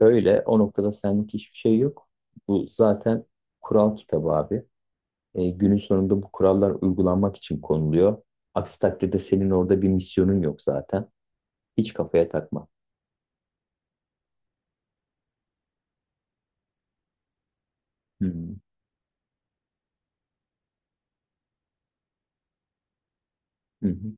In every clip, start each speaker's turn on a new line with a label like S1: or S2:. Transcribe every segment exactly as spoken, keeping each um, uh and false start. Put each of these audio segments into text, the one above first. S1: Öyle. O noktada senlik hiçbir şey yok. Bu zaten kural kitabı abi. E, günün sonunda bu kurallar uygulanmak için konuluyor. Aksi takdirde senin orada bir misyonun yok zaten. Hiç kafaya takma. Hı hı. Hı hı.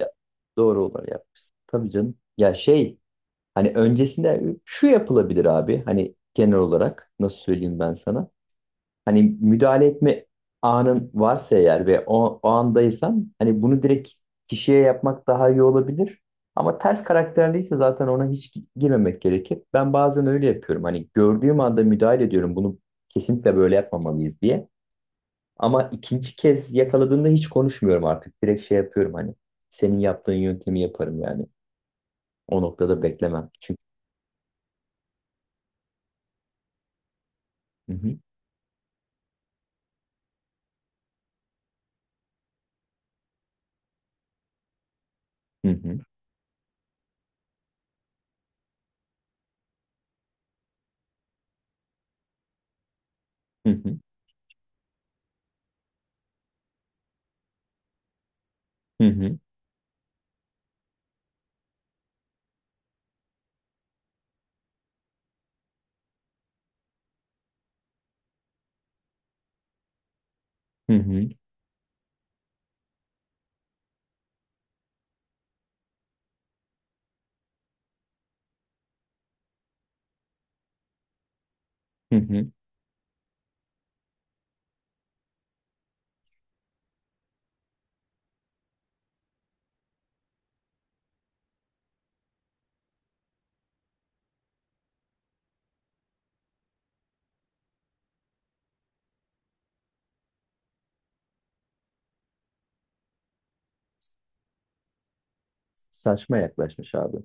S1: Ya, doğru olanı yapmışsın. Tabii canım. Ya, şey hani öncesinde şu yapılabilir abi. Hani genel olarak nasıl söyleyeyim ben sana? Hani müdahale etme anın varsa eğer ve o, o andaysan hani bunu direkt kişiye yapmak daha iyi olabilir. Ama ters karakterliyse zaten ona hiç gi- girmemek gerekir. Ben bazen öyle yapıyorum. Hani gördüğüm anda müdahale ediyorum. Bunu kesinlikle böyle yapmamalıyız diye. Ama ikinci kez yakaladığımda hiç konuşmuyorum artık. Direkt şey yapıyorum hani. Senin yaptığın yöntemi yaparım yani. O noktada beklemem. Çünkü... Hı hı. Hı hı. Hı hı. Hı hı. Hı hı. Hı. Saçma yaklaşmış abi.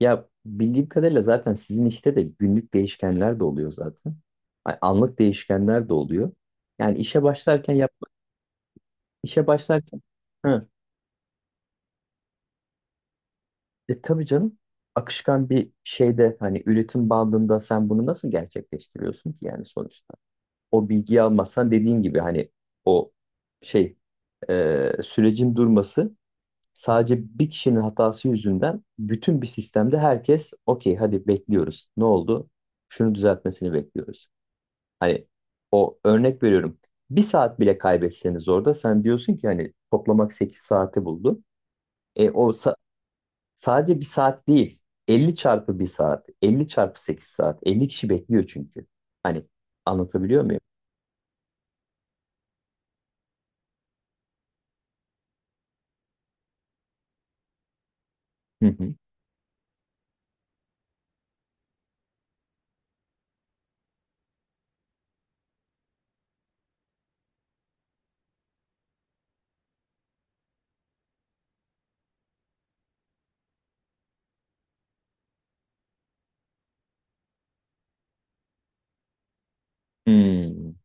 S1: Ya bildiğim kadarıyla zaten sizin işte de günlük değişkenler de oluyor zaten. Ay, anlık değişkenler de oluyor. Yani işe başlarken yap, işe başlarken... Hı. E, tabii canım, akışkan bir şeyde hani üretim bandında sen bunu nasıl gerçekleştiriyorsun ki yani sonuçta? O bilgiyi almazsan dediğin gibi hani o şey, e, sürecin durması... Sadece bir kişinin hatası yüzünden bütün bir sistemde herkes okey, hadi bekliyoruz. Ne oldu? Şunu düzeltmesini bekliyoruz. Hani o, örnek veriyorum. Bir saat bile kaybetseniz orada sen diyorsun ki hani toplamak sekiz saati buldu. E, o sa- sadece bir saat değil. Elli çarpı bir saat. Elli çarpı sekiz saat. Elli kişi bekliyor çünkü. Hani anlatabiliyor muyum? Hı hı. Hmm.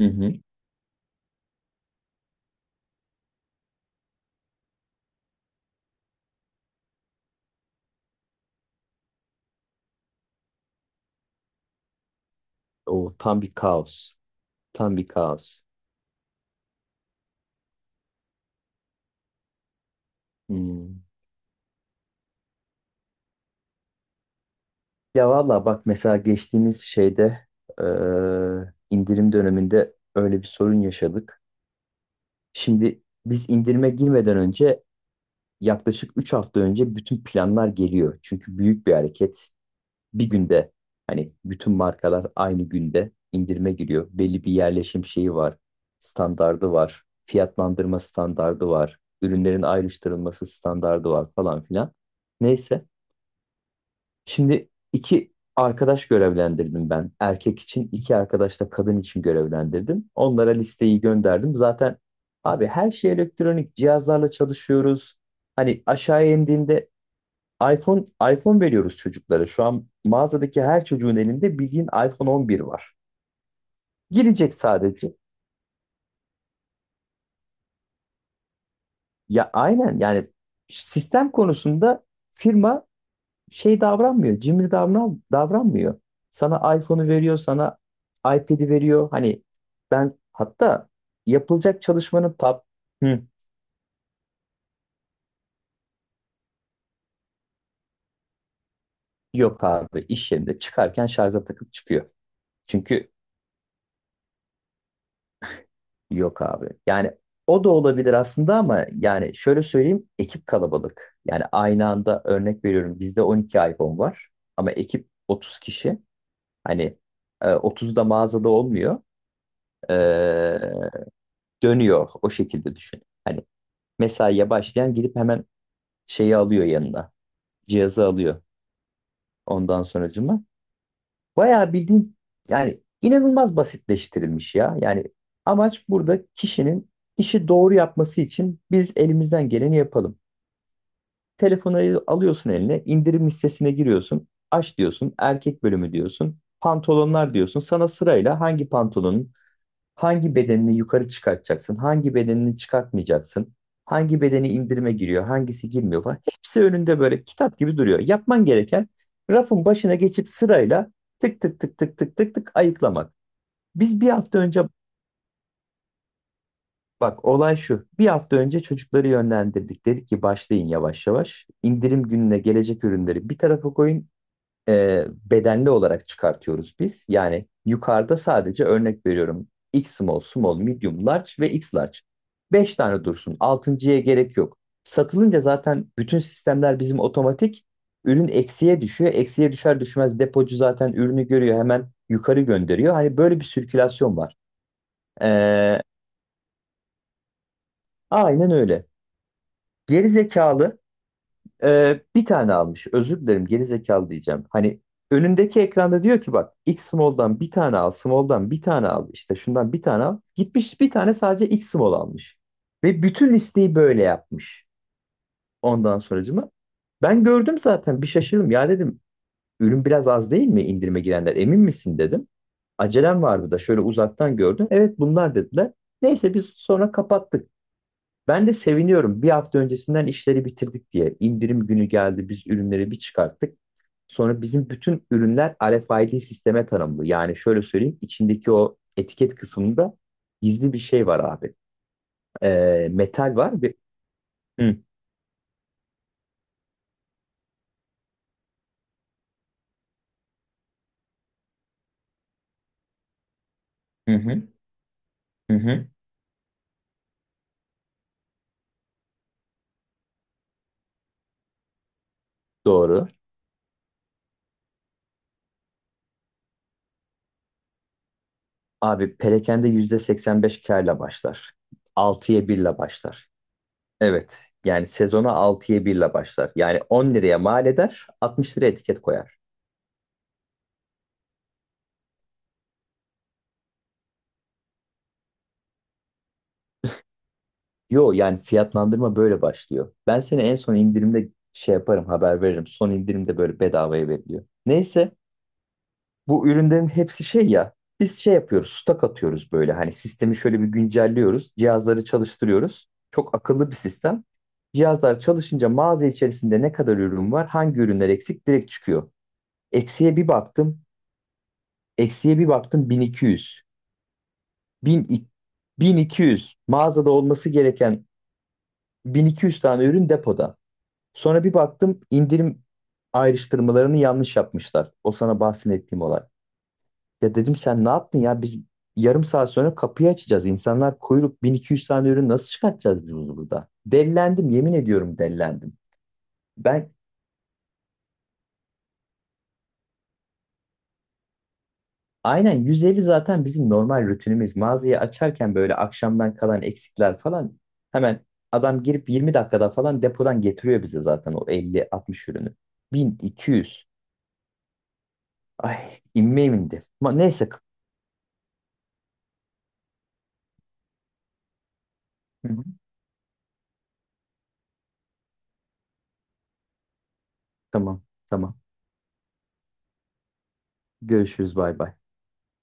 S1: Hı hı. O tam bir kaos. Tam bir kaos. Hmm. Ya valla bak mesela geçtiğimiz şeyde, e, indirim döneminde öyle bir sorun yaşadık. Şimdi biz indirime girmeden önce yaklaşık üç hafta önce bütün planlar geliyor. Çünkü büyük bir hareket. Bir günde hani bütün markalar aynı günde indirime giriyor. Belli bir yerleşim şeyi var, standardı var, fiyatlandırma standardı var, ürünlerin ayrıştırılması standardı var falan filan. Neyse. Şimdi iki arkadaş görevlendirdim ben. Erkek için iki arkadaş da kadın için görevlendirdim. Onlara listeyi gönderdim. Zaten abi her şey elektronik cihazlarla çalışıyoruz. Hani aşağıya indiğinde iPhone iPhone veriyoruz çocuklara. Şu an mağazadaki her çocuğun elinde bildiğin iPhone 11 var. Girecek sadece. Ya aynen yani sistem konusunda firma şey davranmıyor. Cimri davran davranmıyor. Sana iPhone'u veriyor, sana iPad'i veriyor. Hani ben hatta yapılacak çalışmanın tab... Hı. Yok abi, iş yerinde çıkarken şarja takıp çıkıyor. Çünkü... Yok abi. Yani o da olabilir aslında ama yani şöyle söyleyeyim, ekip kalabalık. Yani aynı anda örnek veriyorum bizde on iki iPhone var ama ekip otuz kişi. Hani e, otuz da mağazada olmuyor. E, Dönüyor o şekilde düşün. Hani mesaiye başlayan gidip hemen şeyi alıyor yanına. Cihazı alıyor ondan sonracıma. Bayağı bildiğin yani inanılmaz basitleştirilmiş ya. Yani amaç burada kişinin işi doğru yapması için biz elimizden geleni yapalım. Telefonu alıyorsun eline, indirim listesine giriyorsun. Aç diyorsun, erkek bölümü diyorsun. Pantolonlar diyorsun. Sana sırayla hangi pantolonun... Hangi bedenini yukarı çıkartacaksın? Hangi bedenini çıkartmayacaksın? Hangi bedeni indirime giriyor? Hangisi girmiyor falan. Hepsi önünde böyle kitap gibi duruyor. Yapman gereken rafın başına geçip sırayla tık tık tık tık tık tık tık ayıklamak. Biz bir hafta önce... Bak, olay şu. Bir hafta önce çocukları yönlendirdik. Dedik ki başlayın yavaş yavaş. İndirim gününe gelecek ürünleri bir tarafa koyun, e, bedenli olarak çıkartıyoruz biz. Yani yukarıda sadece örnek veriyorum. X small, small, medium, large ve X large. Beş tane dursun. Altıncıya gerek yok. Satılınca zaten bütün sistemler bizim otomatik. Ürün eksiye düşüyor. Eksiye düşer düşmez depocu zaten ürünü görüyor. Hemen yukarı gönderiyor. Hani böyle bir sirkülasyon var. Ee, aynen öyle. Geri zekalı... Ee, bir tane almış. Özür dilerim, geri zekalı diyeceğim. Hani önündeki ekranda diyor ki bak X small'dan bir tane al, small'dan bir tane al, işte şundan bir tane al. Gitmiş bir tane sadece X small almış. Ve bütün listeyi böyle yapmış. Ondan sonracıma. Ben gördüm zaten bir şaşırdım. Ya dedim ürün biraz az değil mi, indirime girenler emin misin dedim. Acelem vardı da şöyle uzaktan gördüm. Evet bunlar dediler. Neyse biz sonra kapattık. Ben de seviniyorum. Bir hafta öncesinden işleri bitirdik diye. İndirim günü geldi. Biz ürünleri bir çıkarttık. Sonra bizim bütün ürünler R f R F I D sisteme tanımlı. Yani şöyle söyleyeyim. İçindeki o etiket kısmında gizli bir şey var abi. Ee, metal var. Bir... Hı, hı, hı, hı, hı. Doğru. Abi perakende yüzde seksen beş kârla başlar. altıya birle başlar. Evet. Yani sezona altıya birle başlar. Yani on liraya mal eder, altmış liraya etiket koyar. Yo yani fiyatlandırma böyle başlıyor. Ben seni en son indirimde şey yaparım, haber veririm. Son indirimde böyle bedavaya veriliyor. Neyse bu ürünlerin hepsi şey ya, biz şey yapıyoruz, stok atıyoruz, böyle hani sistemi şöyle bir güncelliyoruz. Cihazları çalıştırıyoruz. Çok akıllı bir sistem. Cihazlar çalışınca mağaza içerisinde ne kadar ürün var, hangi ürünler eksik direkt çıkıyor. Eksiye bir baktım Eksiye bir baktım bin iki yüz. bin, bin iki yüz mağazada olması gereken, bin iki yüz tane ürün depoda. Sonra bir baktım indirim ayrıştırmalarını yanlış yapmışlar. O sana bahsettiğim olay. Ya dedim sen ne yaptın ya, biz yarım saat sonra kapıyı açacağız. İnsanlar kuyruk, bin iki yüz tane ürün nasıl çıkartacağız biz bunu burada? Dellendim yemin ediyorum, dellendim. Ben aynen yüz elli zaten bizim normal rutinimiz. Mağazayı açarken böyle akşamdan kalan eksikler falan hemen adam girip yirmi dakikada falan depodan getiriyor bize zaten o elli altmış ürünü. bin iki yüz. Ay, inmeyeyim indi. Ama neyse. Hı hı. Tamam, tamam. Görüşürüz. Bay bay.